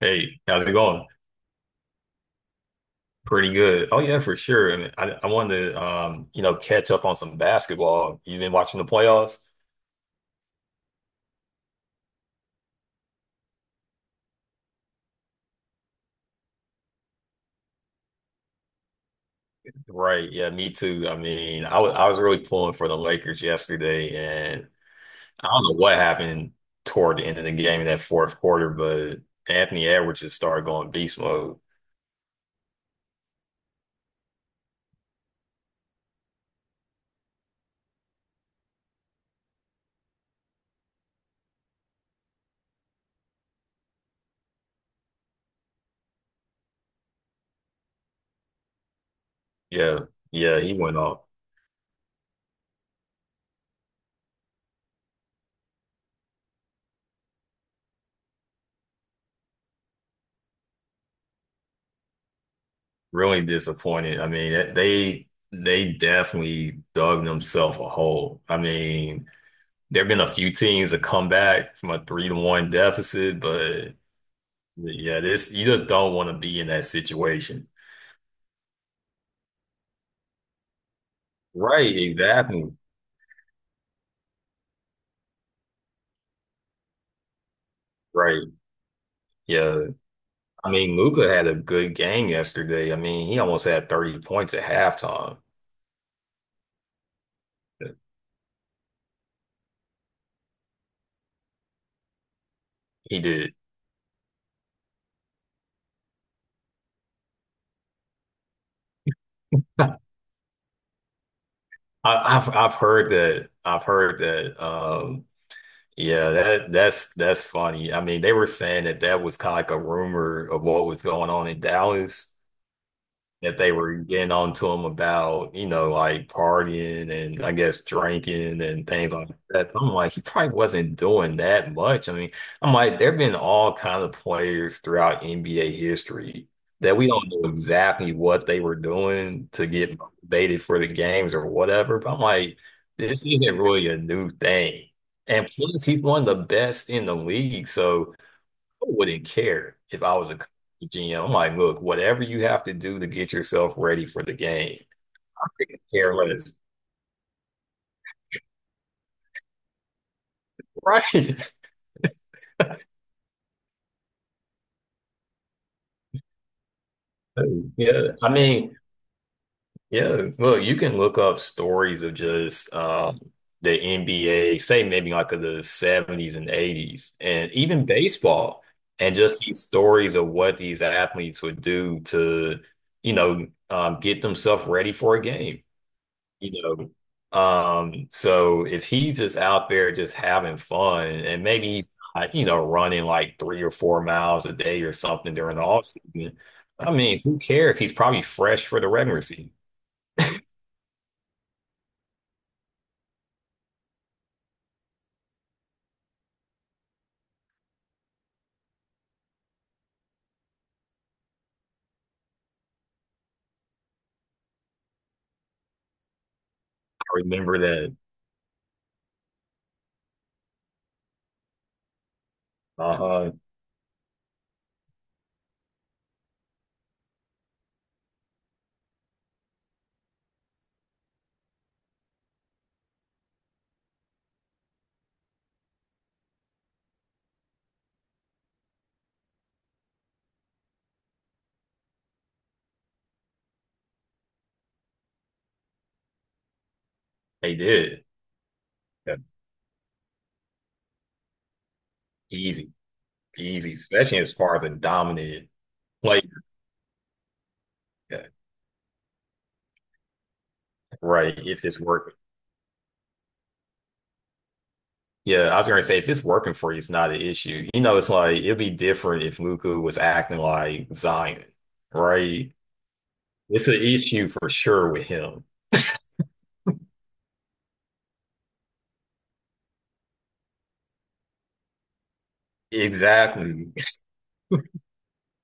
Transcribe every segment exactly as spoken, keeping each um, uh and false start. Hey, how's it going? Pretty good. Oh yeah, for sure. And I, I wanted to, um, you know, catch up on some basketball. You've been watching the playoffs? Right. Yeah, me too. I mean, I was I was really pulling for the Lakers yesterday, and I don't know what happened toward the end of the game in that fourth quarter, but Anthony Edwards just started going beast mode. Yeah, yeah, he went off. Really disappointed. I mean, that- they they definitely dug themselves a hole. I mean, there have been a few teams that come back from a three to one deficit, but yeah, this you just don't want to be in that situation. Right, exactly. Right. Yeah. I mean, Luca had a good game yesterday. I mean, he almost had thirty points at halftime. He did. I, I've I've heard that. I've heard that. Um, yeah, that that's that's funny. I mean, they were saying that that was kind of like a rumor of what was going on in Dallas, that they were getting on to him about, you know, like partying and I guess drinking and things like that. I'm like, he probably wasn't doing that much. I mean, I'm like, there have been all kind of players throughout N B A history that we don't know exactly what they were doing to get motivated for the games or whatever. But I'm like, this isn't really a new thing. And plus, he's one of the best in the league. So, wouldn't care if I was a G M. I'm like, look, whatever you have to do to get yourself ready for the game, I couldn't care less. Right. Yeah. I mean, yeah, look, you can look up stories of just um, the N B A, say maybe like of the seventies and eighties, and even baseball, and just these stories of what these athletes would do to, you know, um, get themselves ready for a game, you know. Um, so if he's just out there just having fun and maybe he's not, you know, running like three or four miles a day or something during the off season, I mean, who cares? He's probably fresh for the regular season. I remember that. Uh-huh. They did. Yeah, easy, easy, especially as far as a dominant player. Yeah, right. If it's working. Yeah, I was gonna say if it's working for you, it's not an issue. You know, it's like it'd be different if Luka was acting like Zion, right? It's an issue for sure with him. Exactly.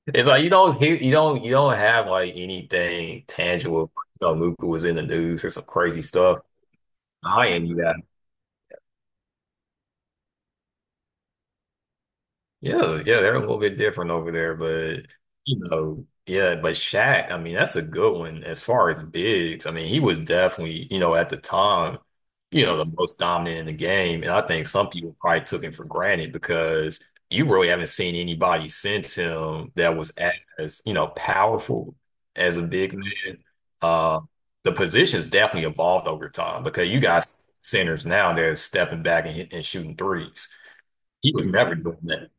It's like you don't hear, you don't you don't have like anything tangible. You know, Luka was in the news or some crazy stuff. I am you yeah, yeah, they're a little bit different over there, but you know, yeah, but Shaq, I mean, that's a good one as far as bigs. I mean, he was definitely, you know, at the time, you know, the most dominant in the game, and I think some people probably took him for granted because you really haven't seen anybody since him that was as, you know, powerful as a big man. Uh, the position's definitely evolved over time because you got centers now that are stepping back and, hit- and shooting threes. He was never doing that.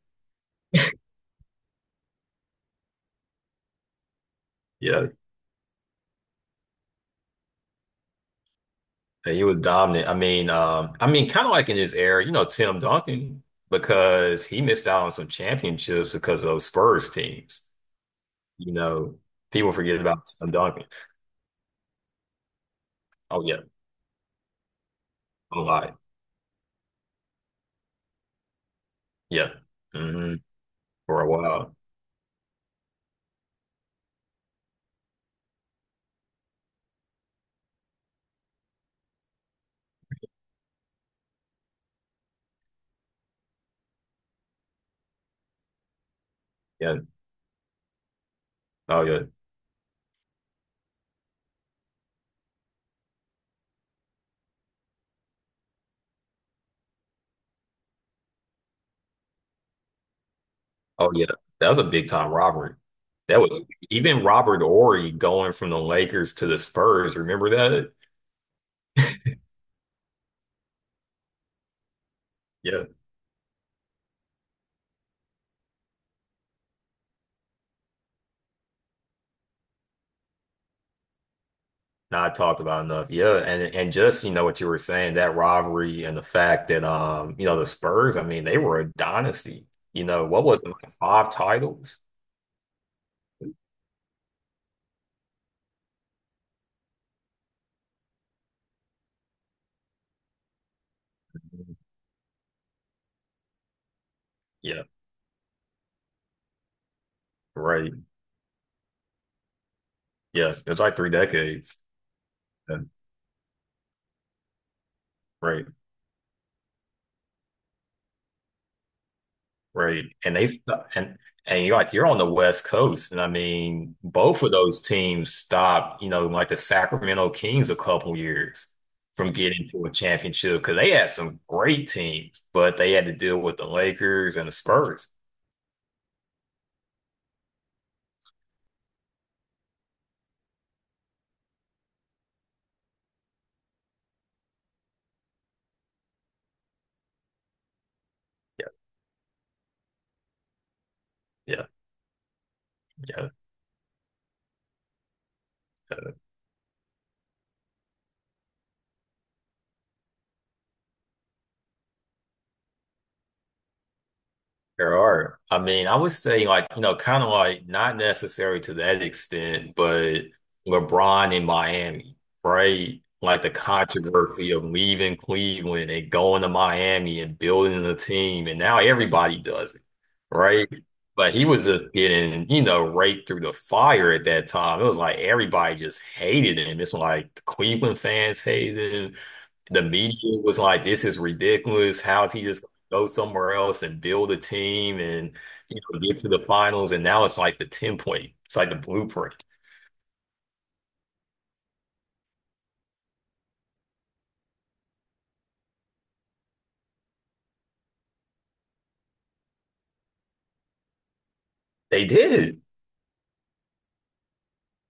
Yeah. Yeah, he was dominant. I mean, um, I mean, kind of like in his era, you know, Tim Duncan, because he missed out on some championships because of Spurs teams. You know, people forget about Tim Duncan. Oh yeah, oh lie, yeah, hmm, for a while, yeah. Oh yeah, oh yeah. That was a big time robbery. That was even Robert Ory going from the Lakers to the Spurs. Remember that? Yeah. Not talked about enough. Yeah, and and just you know what you were saying, that rivalry and the fact that um, you know, the Spurs, I mean, they were a dynasty. You know, what was it, like five titles? Yeah, right. Yeah, it was like three decades. Yeah, right, right. And they and and you're like you're on the West Coast, and I mean, both of those teams stopped, you know, like the Sacramento Kings a couple years from getting to a championship because they had some great teams, but they had to deal with the Lakers and the Spurs. Yeah, yeah, yeah. There are. I mean, I would say like, you know, kind of like not necessary to that extent, but LeBron in Miami, right? Like the controversy of leaving Cleveland and going to Miami and building a team, and now everybody does it, right? But he was just getting, you know, raked through the fire at that time. It was like everybody just hated him. It's like the Cleveland fans hated him. The media was like, "This is ridiculous. How is he just gonna go somewhere else and build a team and you know get to the finals?" And now it's like the template. It's like the blueprint. They did.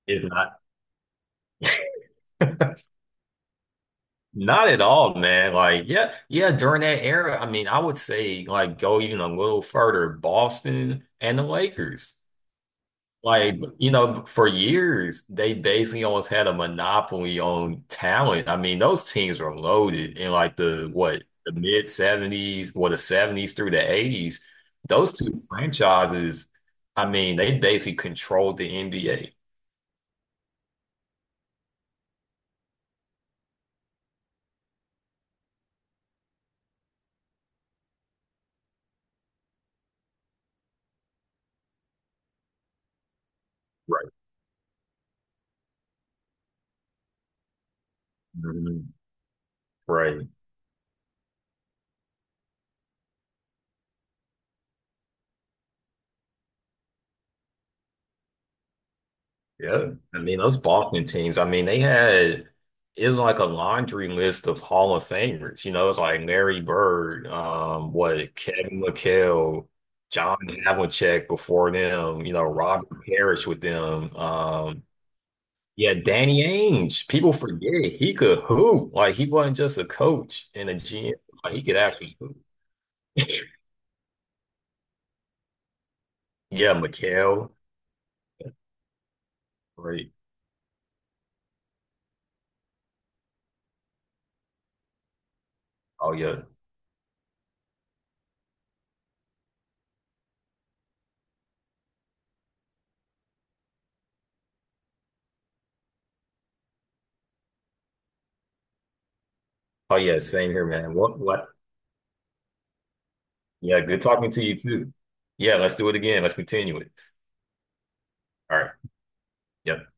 It's not not at all, man. Like, yeah, yeah. During that era, I mean, I would say like go even a little further, Boston and the Lakers. Like, you know, for years, they basically almost had a monopoly on talent. I mean, those teams were loaded in like the what, the mid seventies or the seventies through the eighties. Those two franchises, I mean, they basically controlled the N B A. Right. Mhm. Right. Yeah. I mean, those Boston teams, I mean, they had it's like a laundry list of Hall of Famers. You know, it's like Larry Bird, um, what Kevin McHale, John Havlicek before them, you know, Robert Parrish with them. Um, yeah, Danny Ainge. People forget he could hoop. Like he wasn't just a coach and a G M. Like he could actually hoop. Yeah, McHale. Right. Oh yeah. Oh yeah, same here, man. What what yeah, good talking to you too. Yeah, let's do it again. Let's continue it. All right. Yep.